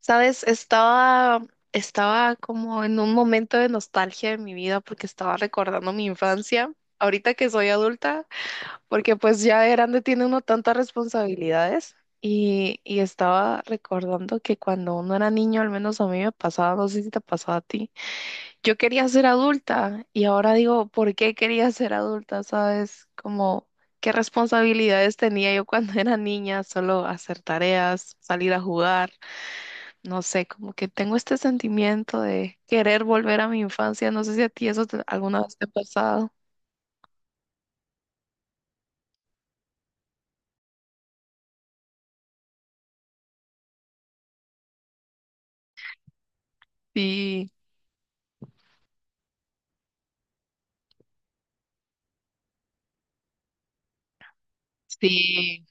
Sabes, estaba como en un momento de nostalgia de mi vida porque estaba recordando mi infancia, ahorita que soy adulta, porque pues ya de grande tiene uno tantas responsabilidades y estaba recordando que cuando uno era niño, al menos a mí me pasaba, no sé si te pasaba a ti, yo quería ser adulta y ahora digo, ¿por qué quería ser adulta? ¿Sabes? Como... ¿Qué responsabilidades tenía yo cuando era niña? Solo hacer tareas, salir a jugar, no sé, como que tengo este sentimiento de querer volver a mi infancia. No sé si a ti eso alguna vez te ha pasado. Sí, sí.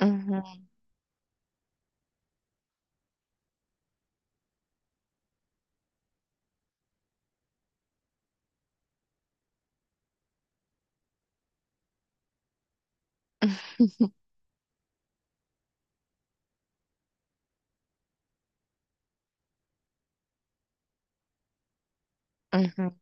Ujú, ujú.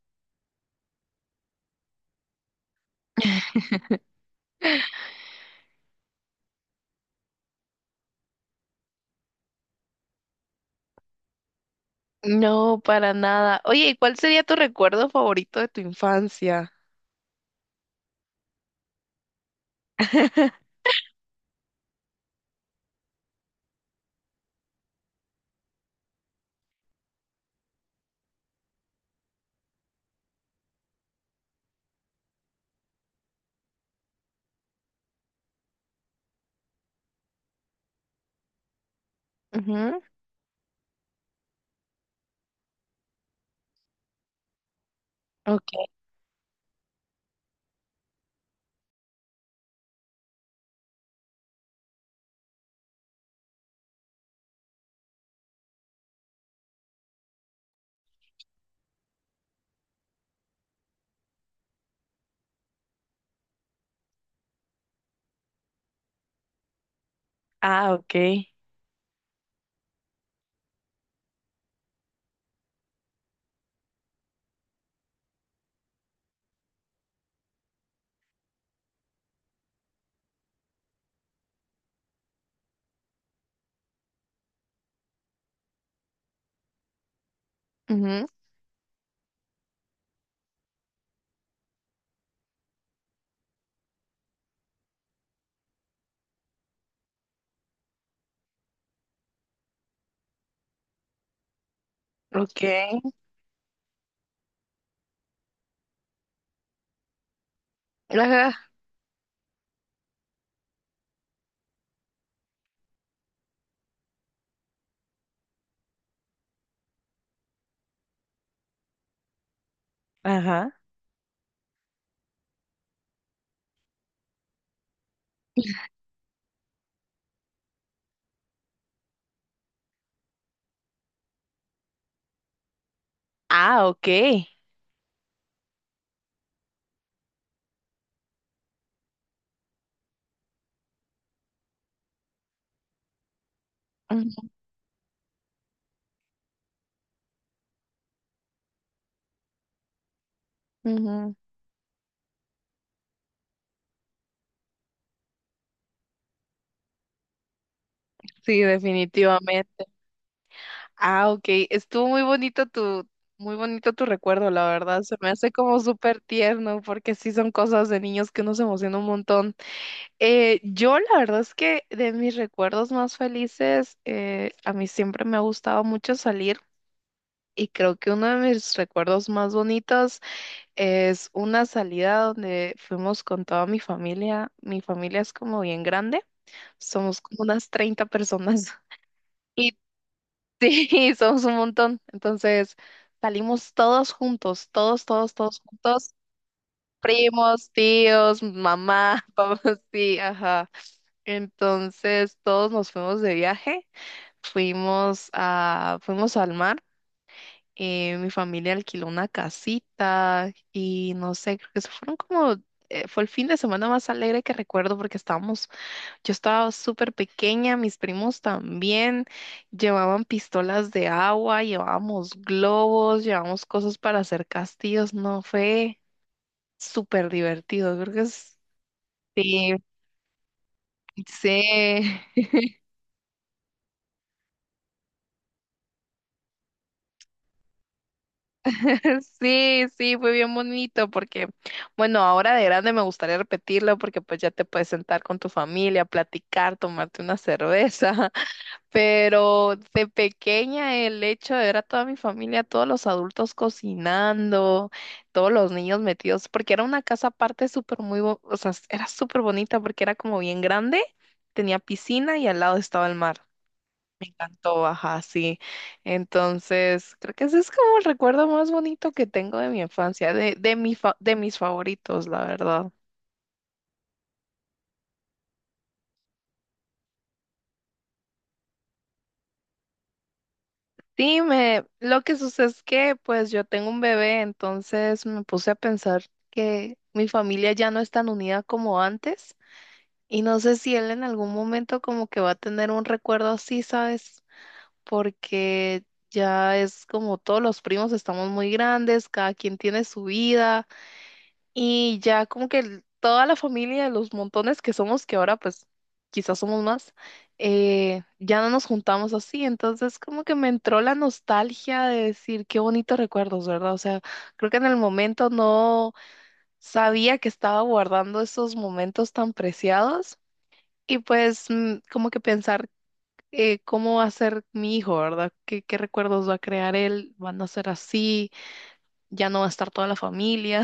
No, para nada. Oye, ¿y cuál sería tu recuerdo favorito de tu infancia? Ujú. Okay. Ah, okay. Ujú. Okay. Ajá. Ajá. Ah, okay. Ujú, ujú. Sí, definitivamente. Ah, ok. Estuvo muy bonito tu recuerdo, la verdad. Se me hace como súper tierno porque sí son cosas de niños que uno se emociona un montón. Yo la verdad es que de mis recuerdos más felices, a mí siempre me ha gustado mucho salir y creo que uno de mis recuerdos más bonitos es una salida donde fuimos con toda mi familia. Mi familia es como bien grande, somos como unas 30 personas. Sí, somos un montón. Entonces salimos todos juntos, todos, todos, todos juntos. Primos, tíos, mamá, papá, sí, ajá. Entonces todos nos fuimos de viaje, fuimos al mar. Mi familia alquiló una casita y no sé, creo que se fueron como, fue el fin de semana más alegre que recuerdo porque estábamos, yo estaba súper pequeña, mis primos también llevaban pistolas de agua, llevábamos globos, llevábamos cosas para hacer castillos, no fue súper divertido, creo que es... Sí, sí, sí, sí, fue bien bonito porque, bueno, ahora de grande me gustaría repetirlo porque pues ya te puedes sentar con tu familia, platicar, tomarte una cerveza. Pero de pequeña el hecho de ver a toda mi familia, todos los adultos cocinando, todos los niños metidos, porque era una casa aparte o sea, era súper bonita porque era como bien grande, tenía piscina y al lado estaba el mar. Me encantó, ajá, sí. Entonces, creo que ese es como el recuerdo más bonito que tengo de mi infancia, de mis favoritos, la verdad. Sí, lo que sucede es que pues yo tengo un bebé, entonces me puse a pensar que mi familia ya no es tan unida como antes y no sé si él en algún momento como que va a tener un recuerdo así, ¿sabes? Porque ya es como todos los primos estamos muy grandes, cada quien tiene su vida. Y ya como que toda la familia, los montones que somos, que ahora pues quizás somos más, ya no nos juntamos así. Entonces como que me entró la nostalgia de decir qué bonitos recuerdos, ¿verdad? O sea, creo que en el momento no sabía que estaba guardando esos momentos tan preciados y pues como que pensar, cómo va a ser mi hijo, ¿verdad? ¿Qué, qué recuerdos va a crear él? ¿Van a ser así? ¿Ya no va a estar toda la familia?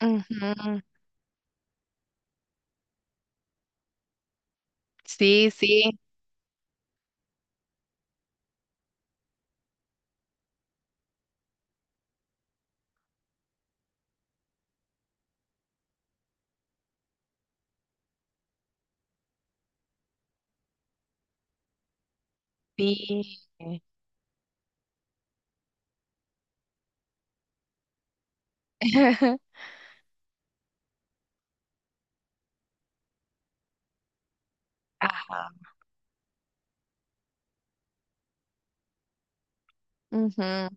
Ujú. Sí, sí. Sí. Ajá. Ujú.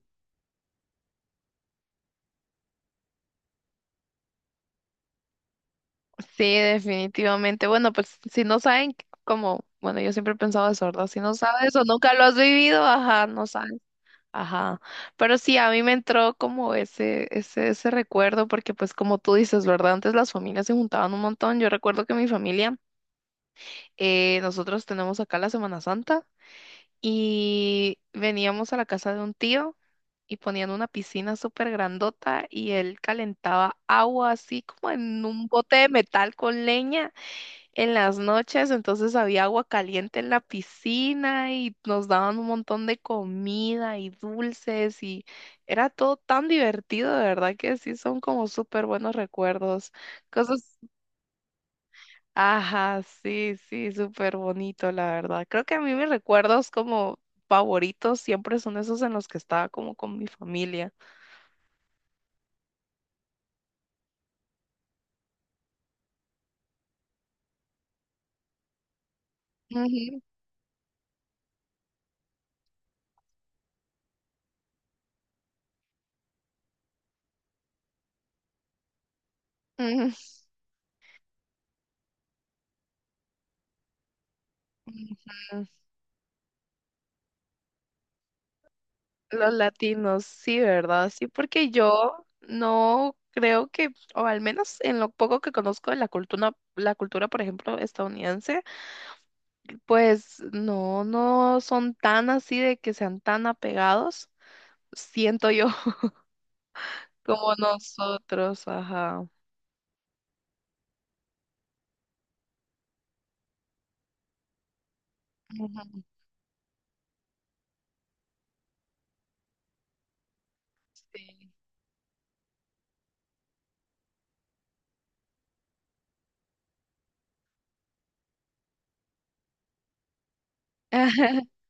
Sí, definitivamente. Bueno, pues si no saben, como, bueno, yo siempre he pensado eso, ¿verdad? Si no sabes o nunca lo has vivido, ajá, no sabes. Ajá. Pero sí, a mí me entró como ese recuerdo, porque pues como tú dices, ¿verdad? Antes las familias se juntaban un montón. Yo recuerdo que mi familia, nosotros tenemos acá la Semana Santa. Y veníamos a la casa de un tío y ponían una piscina súper grandota y él calentaba agua así como en un bote de metal con leña en las noches. Entonces había agua caliente en la piscina y nos daban un montón de comida y dulces y era todo tan divertido, de verdad que sí son como súper buenos recuerdos. Cosas, ajá, sí, sí, súper bonito, la verdad. Creo que a mí mis recuerdos como favoritos siempre son esos en los que estaba como con mi familia. Ujú, ujú, ujú. Los latinos, sí, ¿verdad? Sí, porque yo no creo que, o al menos en lo poco que conozco de la cultura, por ejemplo, estadounidense, pues no, no son tan así de que sean tan apegados, siento yo, como nosotros, ajá. Ujú. Sí.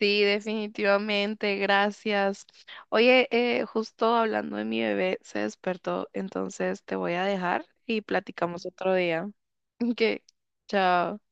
Sí, definitivamente, gracias. Oye, justo hablando de mi bebé, se despertó, entonces te voy a dejar y platicamos otro día. Ok, chao.